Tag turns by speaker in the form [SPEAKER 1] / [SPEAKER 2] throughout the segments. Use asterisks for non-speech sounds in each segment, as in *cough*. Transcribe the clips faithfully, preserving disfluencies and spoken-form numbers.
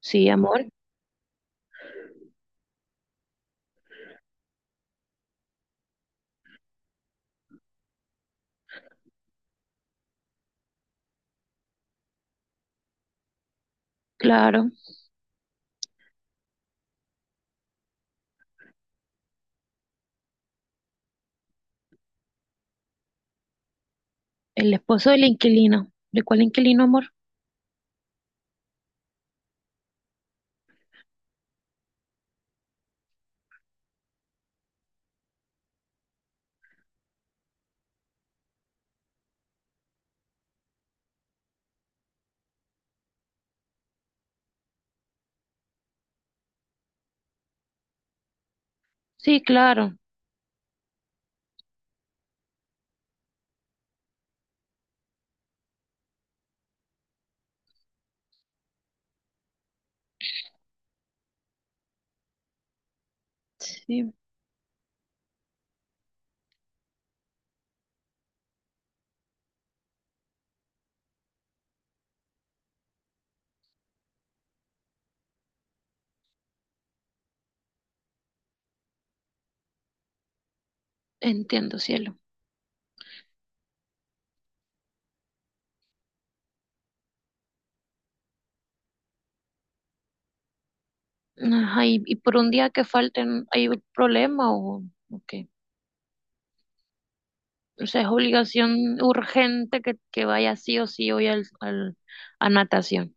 [SPEAKER 1] Sí, amor, claro. El esposo del inquilino. ¿De cuál inquilino, amor? Sí, claro. Sí, entiendo, cielo. Ajá, y, y por un día que falten, ¿hay un problema o, o qué? O sea, es obligación urgente que, que vaya sí o sí hoy al, al- a natación.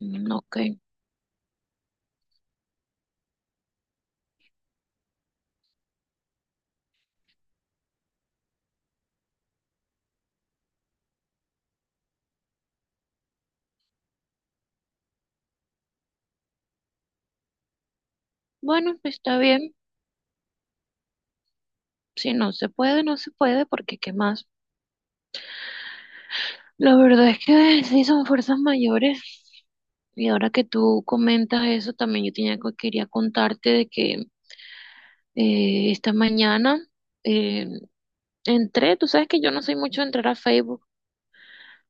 [SPEAKER 1] Mm, ok. Bueno, pues está bien. Si no se puede, no se puede, porque ¿qué más? La verdad es que sí son fuerzas mayores. Y ahora que tú comentas eso, también yo tenía, que- quería contarte de que Eh, esta mañana eh, entré, tú sabes que yo no soy mucho de entrar a Facebook,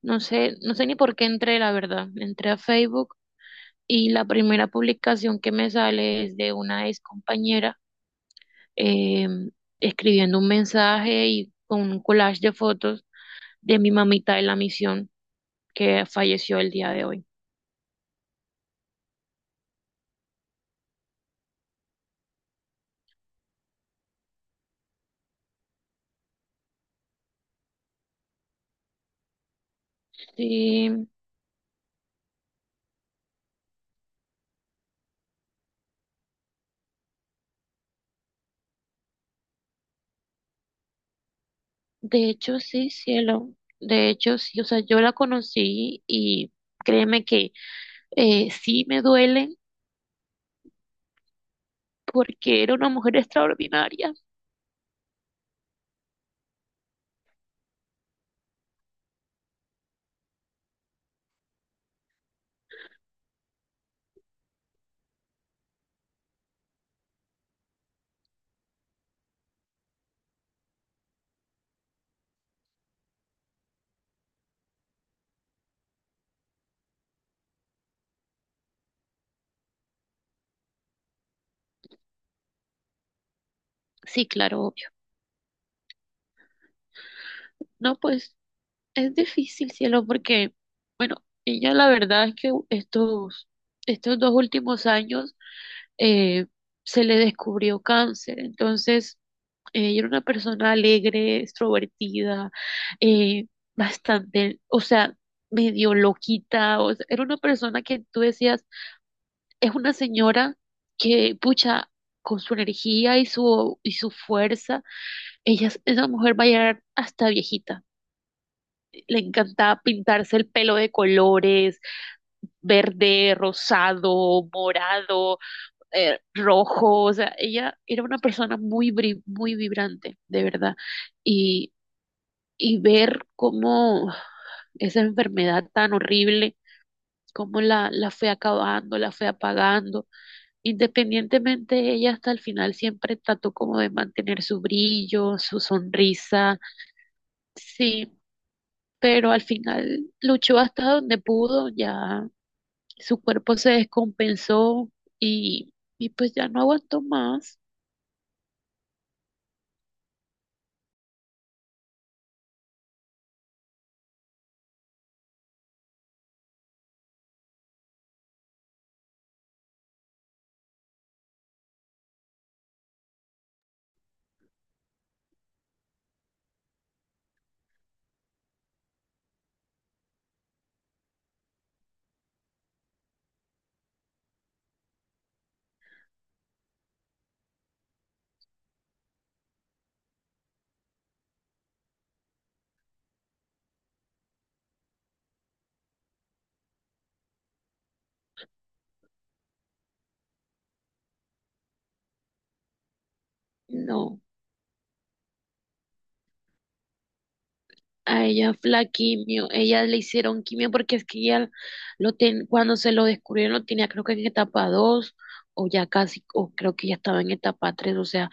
[SPEAKER 1] no sé, no sé ni por qué entré, la verdad. Entré a Facebook y la primera publicación que me sale es de una ex compañera, eh, escribiendo un mensaje y con un collage de fotos de mi mamita de la misión que falleció el día de hoy. Sí, de hecho sí, cielo. De hecho, sí, o sea, yo la conocí y créeme que eh, sí me duele porque era una mujer extraordinaria. Sí, claro, obvio. No, pues es difícil, cielo, porque, bueno, ella la verdad es que estos, estos dos últimos años eh, se le descubrió cáncer. Entonces eh, ella era una persona alegre, extrovertida, eh, bastante, o sea, medio loquita, o sea, era una persona que tú decías, es una señora que, pucha, con su energía y su, y su fuerza. Ella, es- esa mujer va a llegar hasta viejita. Le encantaba pintarse el pelo de colores, verde, rosado, morado, eh, rojo. O sea, ella era una persona muy, bri- muy vibrante, de verdad. Y, y ver cómo esa enfermedad tan horrible, cómo la, la fue acabando, la fue apagando. Independientemente, ella hasta el final siempre trató como de mantener su brillo, su sonrisa. Sí, pero al final luchó hasta donde pudo, ya su cuerpo se descompensó y, y pues ya no aguantó más. No, a ella la quimio, ella le hicieron quimio porque es que ella lo ten- cuando se lo descubrieron lo tenía creo que en etapa dos o ya casi, o creo que ya estaba en etapa tres. O sea,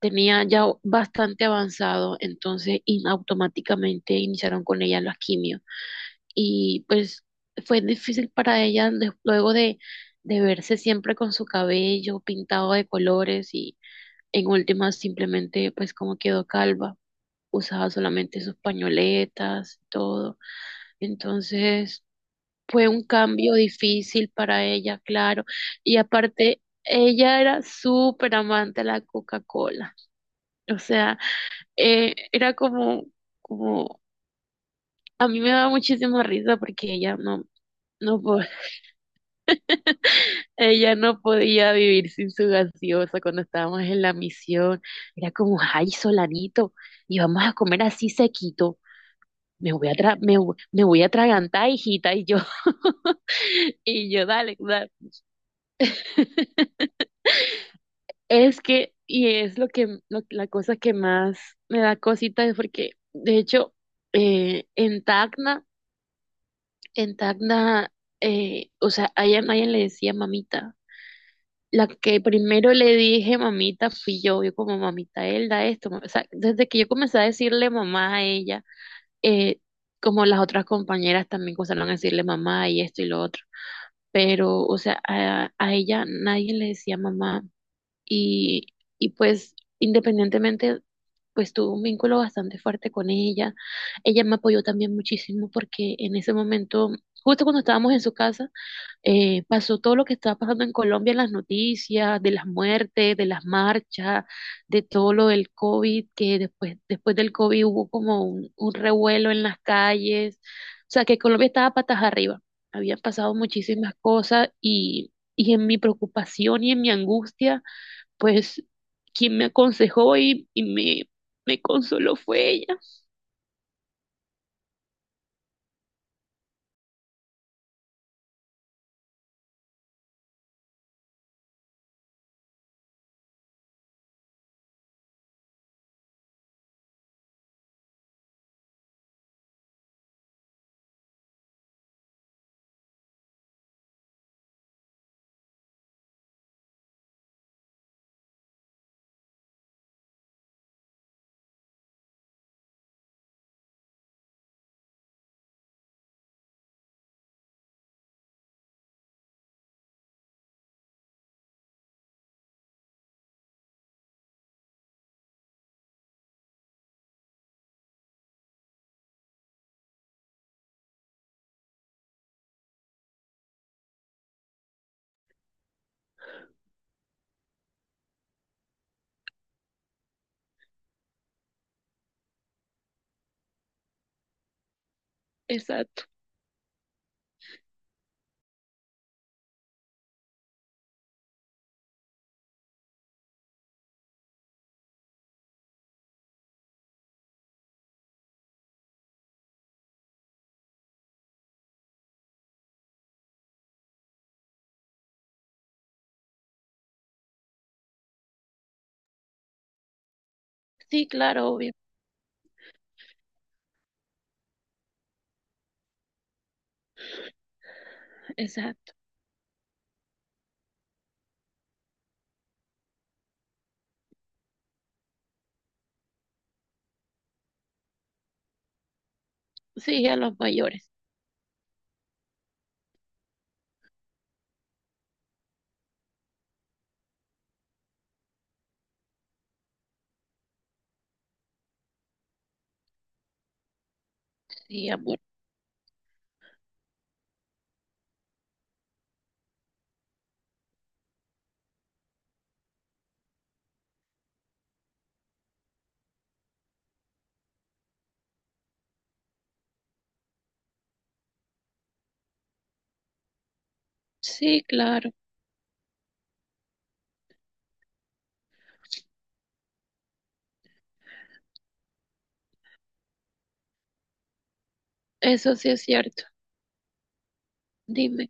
[SPEAKER 1] tenía ya bastante avanzado. Entonces, in- automáticamente iniciaron con ella las quimios. Y pues fue difícil para ella de- luego de, de verse siempre con su cabello pintado de colores, y en últimas simplemente pues como quedó calva, usaba solamente sus pañoletas, todo. Entonces fue un cambio difícil para ella, claro. Y aparte, ella era súper amante de la Coca-Cola. O sea, eh, era como, como, a mí me daba muchísima risa porque ella no, no, po- ella no podía vivir sin su gaseosa cuando estábamos en la misión. Era como, ay, Solanito, y vamos a comer así sequito. Me voy a tra- me, vo- me voy a atragantar, hijita, y yo, *laughs* y yo, dale, dale. *laughs* Es que, y es lo que, lo- la cosa que más me da cosita es porque, de hecho, eh, en Tacna, en Tacna, eh, o sea, a ella, a ella le decía mamita. La que primero le dije mamita fui yo, yo como mamita Elda, esto, ma-". O sea, desde que yo comencé a decirle mamá a ella, eh, como las otras compañeras también comenzaron a decirle mamá y esto y lo otro, pero, o sea, a, a ella nadie le decía mamá y, y pues independientemente, pues tuve un vínculo bastante fuerte con ella. Ella me apoyó también muchísimo porque en ese momento, justo cuando estábamos en su casa, eh, pasó todo lo que estaba pasando en Colombia en las noticias, de las muertes, de las marchas, de todo lo del COVID, que después, después del COVID hubo como un, un revuelo en las calles. O sea que Colombia estaba patas arriba, habían pasado muchísimas cosas y, y en mi preocupación y en mi angustia, pues quien me aconsejó y, y me, me consoló fue ella. Exacto. Sí, claro, obvio. Exacto. Sí, a los mayores. Sí, amor. Sí, claro. Eso sí es cierto. Dime.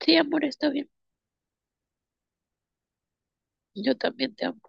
[SPEAKER 1] Sí, amor, está bien. Yo también te amo.